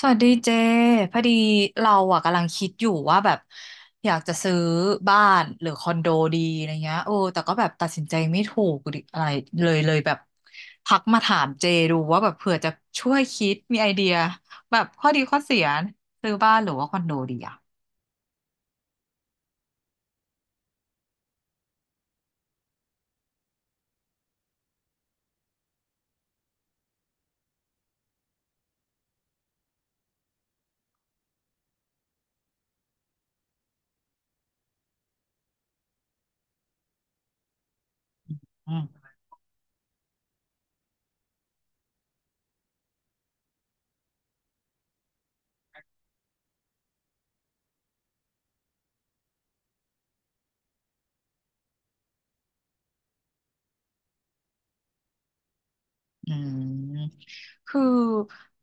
สวัสดีเจพอดีเราอะกำลังคิดอยู่ว่าแบบอยากจะซื้อบ้านหรือคอนโดดีอะไรเงี้ยโอ้แต่ก็แบบตัดสินใจไม่ถูกดิอะไรเลยแบบทักมาถามเจดูว่าแบบเผื่อจะช่วยคิดมีไอเดียแบบข้อดีข้อเสียซื้อบ้านหรือว่าคอนโดดีอะอืม อืมคือ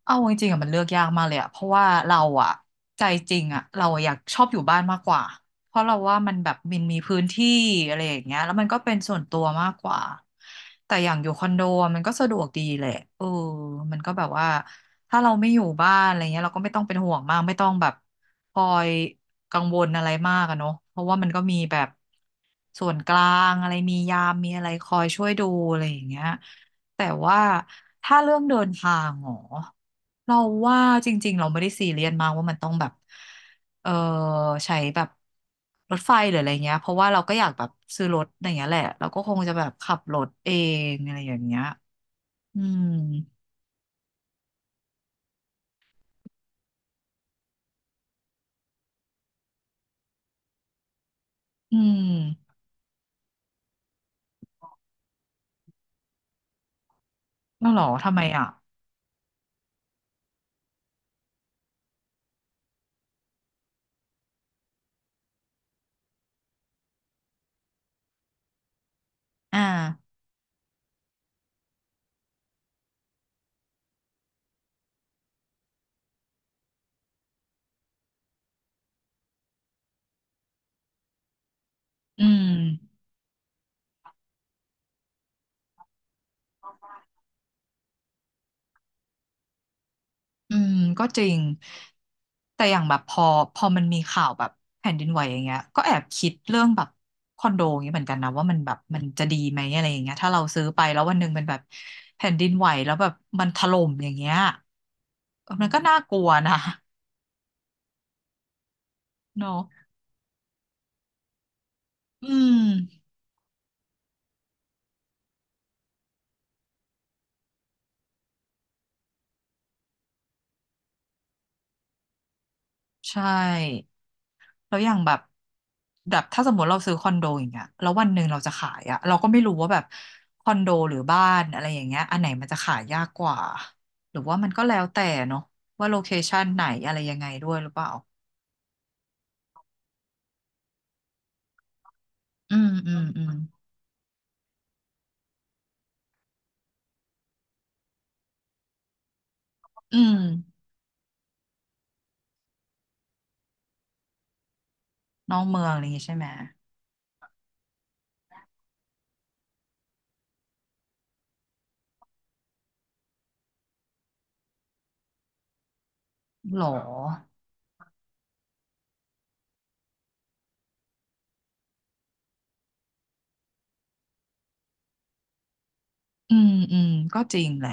เอาจริงๆอะมันเลือกยากมากเลยอะเพราะว่าเราอะใจจริงอะเราอะอยากชอบอยู่บ้านมากกว่าเพราะเราว่ามันแบบมันมีพื้นที่อะไรอย่างเงี้ยแล้วมันก็เป็นส่วนตัวมากกว่าแต่อย่างอยู่คอนโดอะมันก็สะดวกดีแหละเออมันก็แบบว่าถ้าเราไม่อยู่บ้านอะไรเงี้ยเราก็ไม่ต้องเป็นห่วงมากไม่ต้องแบบคอยกังวลอะไรมากอะเนาะเพราะว่ามันก็มีแบบส่วนกลางอะไรมียามมีอะไรคอยช่วยดูอะไรอย่างเงี้ย แต่ว่าถ้าเรื่องเดินทางหรอเราว่าจริงๆเราไม่ได้ซีเรียสมากว่ามันต้องแบบเออใช้แบบรถไฟหรืออะไรเงี้ยเพราะว่าเราก็อยากแบบซื้อรถอะไรเงี้ยแหละเราก็คงจะแบบขับรถเองอะไรอย่างเงี้ยอืมอืมแล้วเหรอทำไมอ่ะอ่าอืม อืมก็จริงแต่อย่างแบบพอมันมีข่าวแบบแผ่นดินไหวอย่างเงี้ยก็แอบคิดเรื่องแบบคอนโดอย่างเงี้ยเหมือนกันนะว่ามันแบบมันจะดีไหมอะไรอย่างเงี้ยถ้าเราซื้อไปแล้ววันหนึ่งมันแบบแผ่นดินไหวแล้วแบบมันถล่มอย่างเงี้ยเออมันก็น่ากลัวนะเนาะอืม ใช่แล้วอย่างแบบแบบถ้าสมมติเราซื้อคอนโดอย่างเงี้ยแล้ววันหนึ่งเราจะขายอะเราก็ไม่รู้ว่าแบบคอนโดหรือบ้านอะไรอย่างเงี้ยอันไหนมันจะขายยากกว่าหรือว่ามันก็แล้วแต่เนาะว่าโลเคชันไหนอะไรยังไงด้วยหรือเปล่าอืมอืมอืมอืมน้องเมืองอะไรอย่างงี้ใช่ไหมหรออืมอืมก็จริงแหละ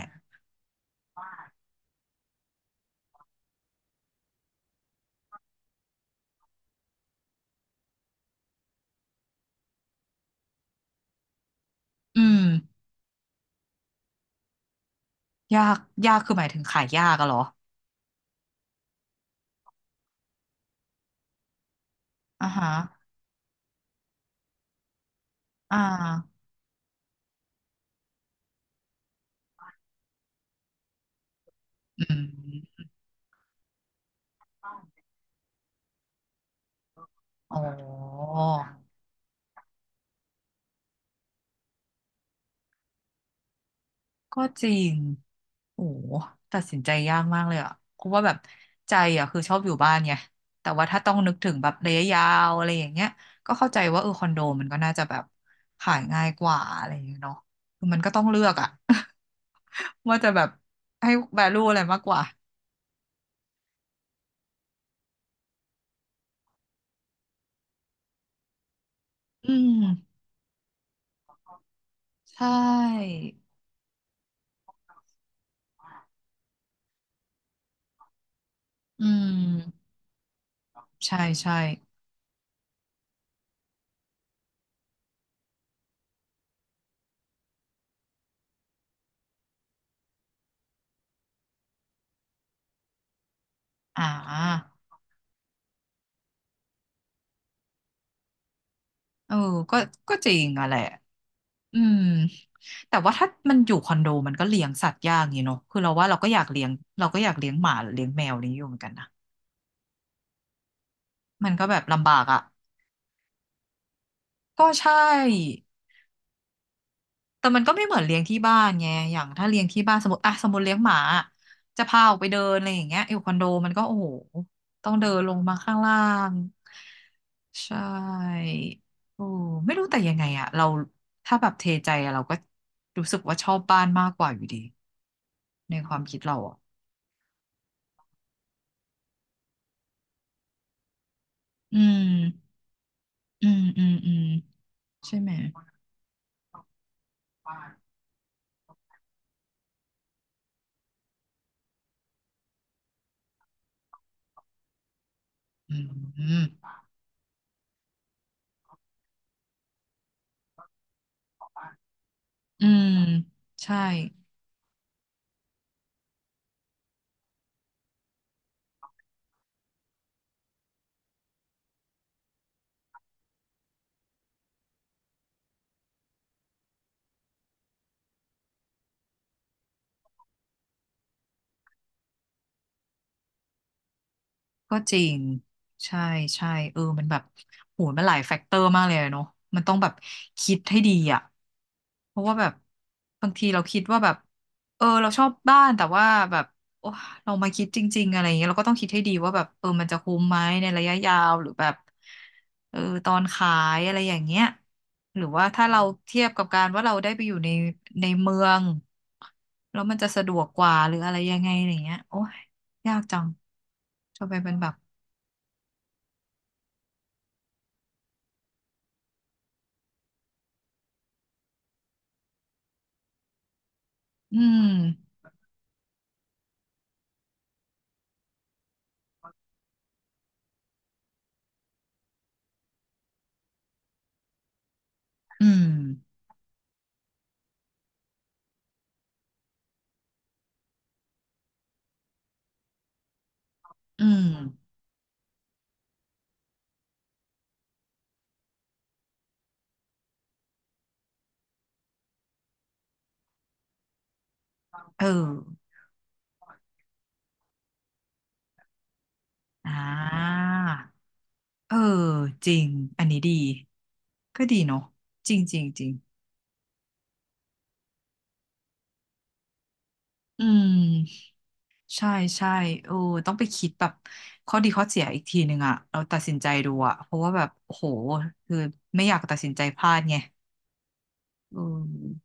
อืมยากยากคือหมายถึงขายยากอะเหรออ่าฮะอ่าอืมอ๋อ ก็จริงโอ้โหตัดสินใจยากมากเลยอ่ะเพราะว่าแบบใจอ่ะคือชอบอยู่บ้านไงแต่ว่าถ้าต้องนึกถึงแบบระยะยาวอะไรอย่างเงี้ยก็เข้าใจว่าเออคอนโดมันก็น่าจะแบบขายง่ายกว่าอะไรอย่างเงี้ยเนาะคือมันก็ต้องเลือกอ่ะ ว่าจะแบบให้ value อะไรมากกว่าอืมใช่ อืมใช่ใช่อ่าเออก็ก็จริงอะแหละ อืมแต่ว่าถ้ามันอยู่คอนโดมันก็เลี้ยงสัตว์ยากอยู่เนอะคือเราว่าเราก็อยากเลี้ยงเราก็อยากเลี้ยงหมาหรือเลี้ยงแมวนี้อยู่เหมือนกันนะมันก็แบบลำบากอ่ะก็ใช่แต่มันก็ไม่เหมือนเลี้ยงที่บ้านไงอย่างถ้าเลี้ยงที่บ้านสมมติอ่ะสมมติเลี้ยงหมาอจะพาออกไปเดินอะไรอย่างเงี้ยอยู่คอนโดมันก็โอ้โหต้องเดินลงมาข้างล่างใช่โอ้ไม่รู้แต่ยังไงอ่ะเราถ้าแบบเทใจอะเราก็รู้สึกว่าชอบบ้านมากกว่าอยู่ดีในความคิดเราอ่ะ อืมอืมอืมอืมใช่ไหมอืมอืมใช่ ก็จริงใช่ใช่เออมันแบบโหมันหลายแฟกเตอร์มากเลยอะเนาะมันต้องแบบคิดให้ดีอ่ะเพราะว่าแบบบางทีเราคิดว่าแบบเออเราชอบบ้านแต่ว่าแบบโอ้เรามาคิดจริงๆอะไรอย่างเงี้ยเราก็ต้องคิดให้ดีว่าแบบเออมันจะคุ้มไหมในระยะยาวหรือแบบเออตอนขายอะไรอย่างเงี้ยหรือว่าถ้าเราเทียบกับการว่าเราได้ไปอยู่ในเมืองแล้วมันจะสะดวกกว่าหรืออะไรยังไงอย่างเงี้ยโอ้ย ยากจังจะไปเป็นแบบ อืม อืม อืมเอออ่าเออจริง อันนี้ดี ก็ดีเนาะจริงจริงจริงอืม ใช่ใช่เออต้องไปคิดแบบ ข้อดีข้อเสียอีกทีหนึ่งอะ เราตัดสินใจดูอะเพราะว่าแบบโอ้โหคือไม่อยากตัดสินใจพลาดไงเออ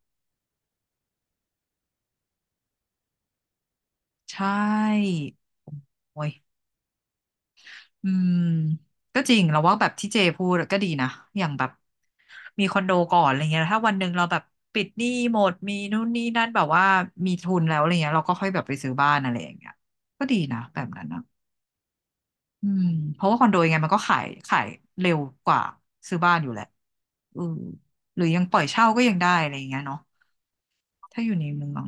ใช่ โอ้ย อืมก็จริงเราว่าแบบที่เจพูดก็ดีนะอย่างแบบมีคอนโดก่อนอะไรเงี้ยถ้าวันหนึ่งเราแบบปิดหนี้หมดมีนู่นนี่นั่นแบบว่ามีทุนแล้วอะไรเงี้ยเราก็ค่อยแบบไปซื้อบ้านอะไรอย่างเงี้ยก็ดีนะแบบนั้นนะอืมเพราะว่าคอนโดยังไงมันก็ขายเร็วกว่าซื้อบ้านอยู่แหละอืมหรือยังปล่อยเช่าก็ยังได้อะไรเงี้ยเนาะถ้าอยู่ในเมือง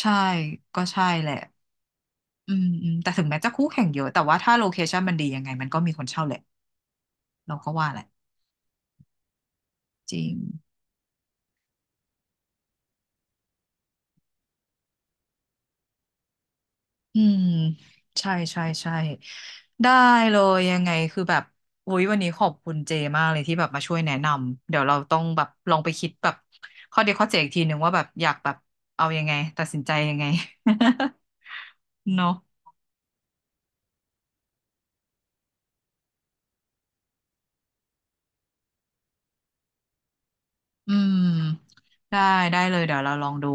ใช่ก็ใช่แหละอืมอืมแต่ถึงแม้จะคู่แข่งเยอะแต่ว่าถ้าโลเคชันมันดียังไงมันก็มีคนเช่าแหละเราก็ว่าแหละจริง อืมใช่ใช่ใช่ได้เลยยังไงคือแบบอุ๊ยวันนี้ขอบคุณเจมากเลยที่แบบมาช่วยแนะนำเดี๋ยวเราต้องแบบลองไปคิดแบบข้อดีข้อเสียอีกทีหนึ่งว่าแบบอยากแบบเอายังไงตัดสินใจยังไง เนาะอืมได้ได้เลยเดี๋ยวเราลองดู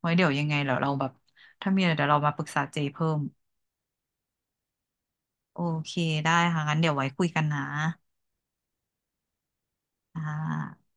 ไว้เดี๋ยวยังไงเดี๋ยวเราแบบถ้ามีอะไรเดี๋ยวเรามาปรึกษาเจเพิ่มโอเคได้ค่ะงั้นเดี๋ยวไว้คุยกันนะอ่า